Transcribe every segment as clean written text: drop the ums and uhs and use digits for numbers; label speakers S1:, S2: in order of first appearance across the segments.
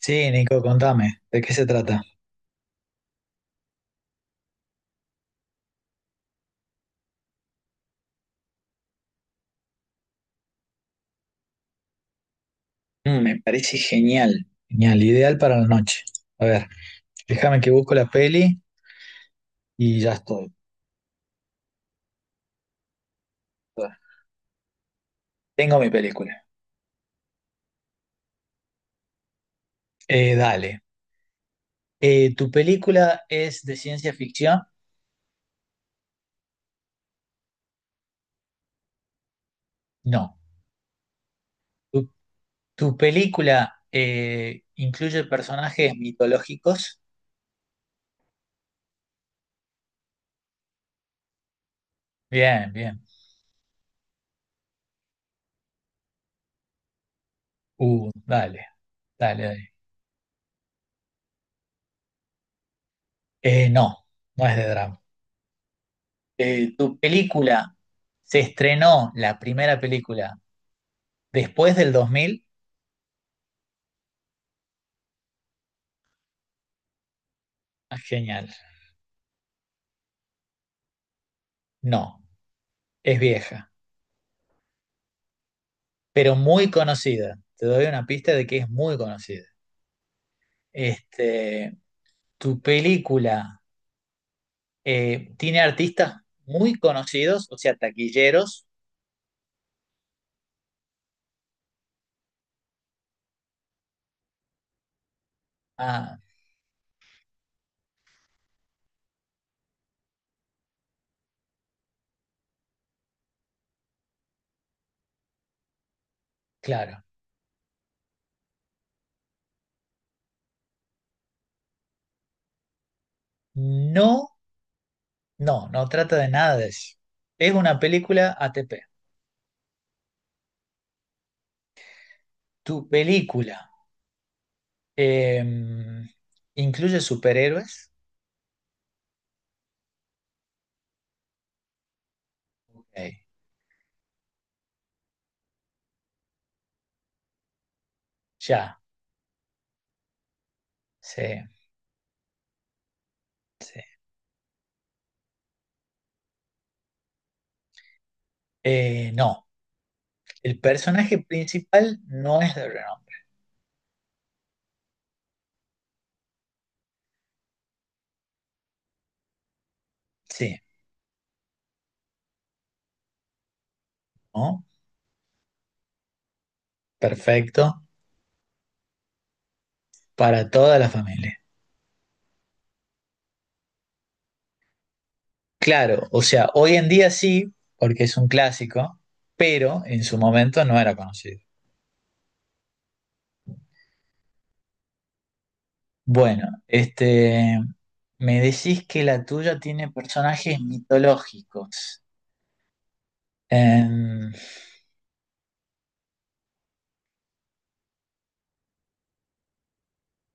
S1: Sí, Nico, contame, ¿de qué se trata? Me parece genial, genial, ideal para la noche. A ver, déjame que busco la peli y ya estoy. Tengo mi película. Dale. ¿Tu película es de ciencia ficción? No. ¿Tu, tu película incluye personajes mitológicos? Bien, bien. Dale, dale, dale. No, no es de drama. ¿Tu película se estrenó la primera película después del 2000? Ah, genial. No, es vieja, pero muy conocida. Te doy una pista de que es muy conocida. Este, tu película tiene artistas muy conocidos, o sea, taquilleros. Ah, claro. No, no, no trata de nada de eso. Es una película ATP. Tu película eh, incluye superhéroes. Ok, ya, sí, sí. No. El personaje principal no es de renombre. Sí, ¿no? Perfecto. Para toda la familia. Claro, o sea, hoy en día sí, porque es un clásico, pero en su momento no era conocido. Bueno, me decís que la tuya tiene personajes mitológicos. Em,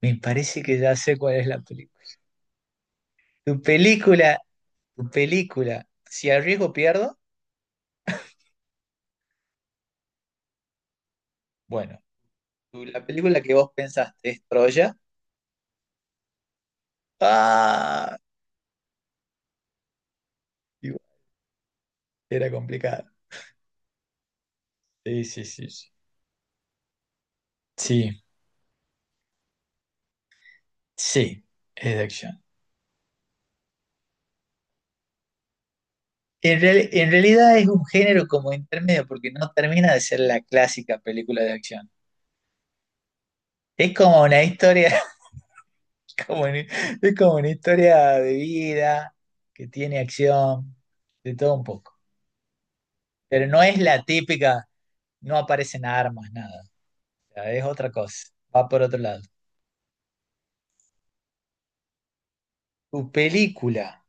S1: me parece que ya sé cuál es la película. Tu película, tu película, si arriesgo pierdo, bueno, la película que vos pensaste es Troya. Ah, igual era complicado. Sí, sí, sí. Sí, sí, sí, es de acción. En realidad es un género como intermedio porque no termina de ser la clásica película de acción. Es como una historia, como una- es como una historia de vida que tiene acción, de todo un poco. Pero no es la típica, no aparecen armas, nada. O sea, es otra cosa, va por otro lado. Tu película.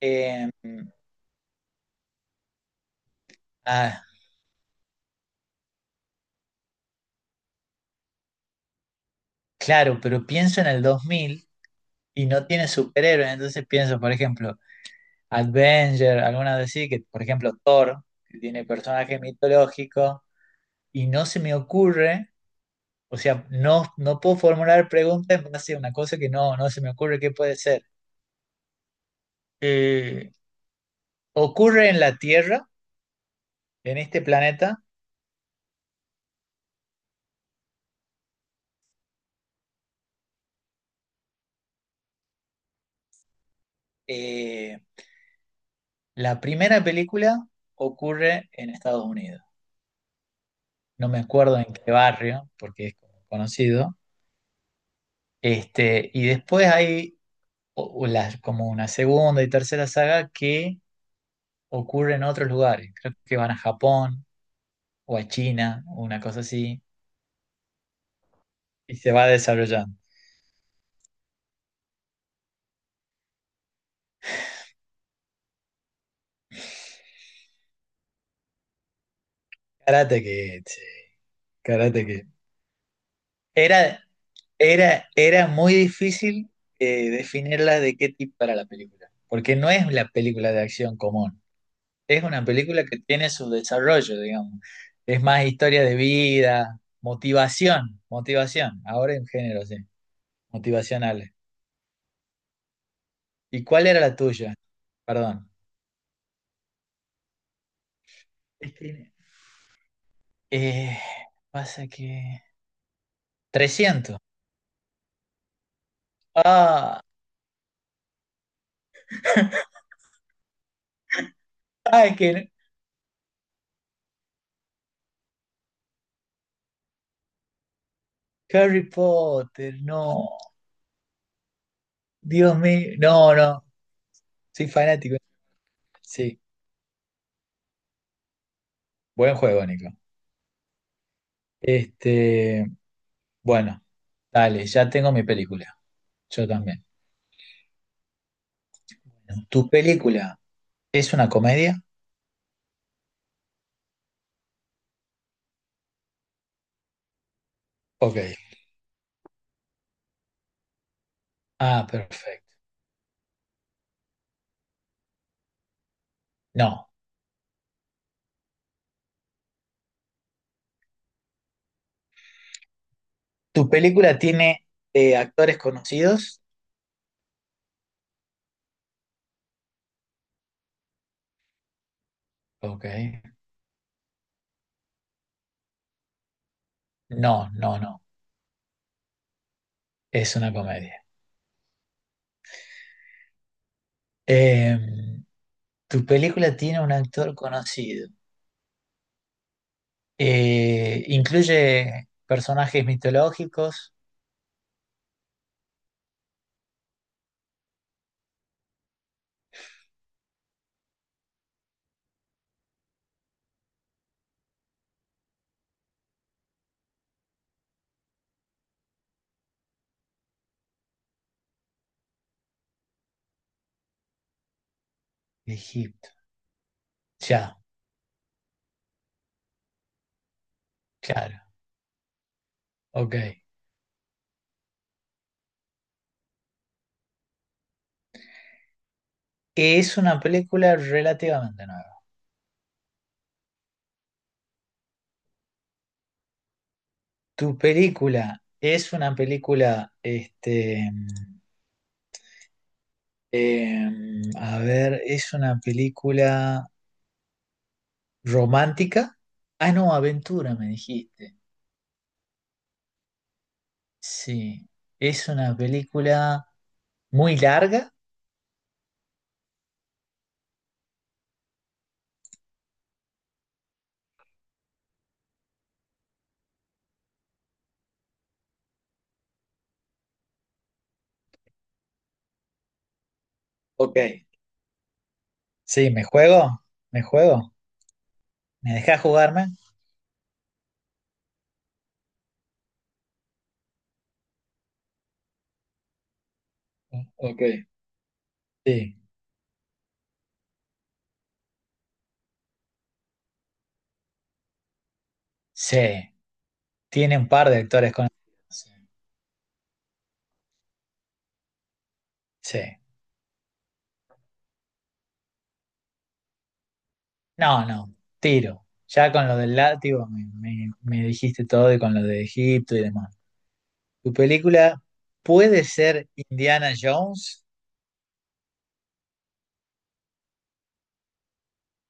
S1: eh, ah, claro, pero pienso en el 2000 y no tiene superhéroes, entonces pienso, por ejemplo, Avenger, algunas de sí, que por ejemplo Thor, que tiene personaje mitológico, y no se me ocurre, o sea, no, no puedo formular preguntas en base a una cosa que no, no se me ocurre qué puede ser. Eh, ocurre en la Tierra, en este planeta, eh, la primera película ocurre en Estados Unidos. No me acuerdo en qué barrio, porque es como conocido. Y después hay como una segunda y tercera saga que ocurre en otros lugares. Creo que van a Japón o a China, una cosa así, y se va desarrollando. Karate que Karate Kid. Era, era muy difícil definirla de qué tipo era la película, porque no es la película de acción común, es una película que tiene su desarrollo, digamos. Es más historia de vida, motivación, motivación, ahora en género, sí, motivacional. ¿Y cuál era la tuya? Perdón. Es Eh, pasa que 300. Ah, ay, que Harry Potter, no. Dios mío, no, no. Soy fanático. Sí, buen juego, Nico. Este, bueno, dale, ya tengo mi película. Yo también. Bueno, ¿tu película es una comedia? Ok. Ah, perfecto. No. ¿Tu película tiene actores conocidos? Ok. No, no, no. Es una comedia. Eh, tu película tiene un actor conocido. Incluye personajes mitológicos de Egipto. Ya, claro. Ok. Es una película relativamente nueva. Tu película es una película, eh, a ver, es una película romántica. Ah, no, aventura, me dijiste. Sí, es una película muy larga. Ok, sí, ¿me juego? ¿Me juego? ¿Me dejas jugarme? Ok. Sí. Sí, tiene un par de actores con. Sí. Sí. No, no, tiro. Ya con lo del látigo me dijiste todo y con lo de Egipto y demás. ¿Tu película puede ser Indiana Jones?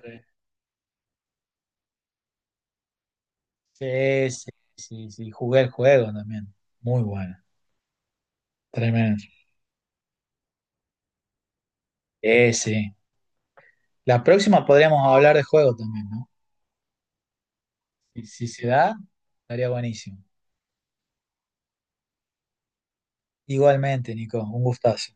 S1: Sí, sí, sí, sí. Sí. Jugué el juego también. Muy bueno. Tremendo. Sí, sí. La próxima podríamos hablar de juego también, ¿no? Y si se da, estaría buenísimo. Igualmente, Nico, un gustazo.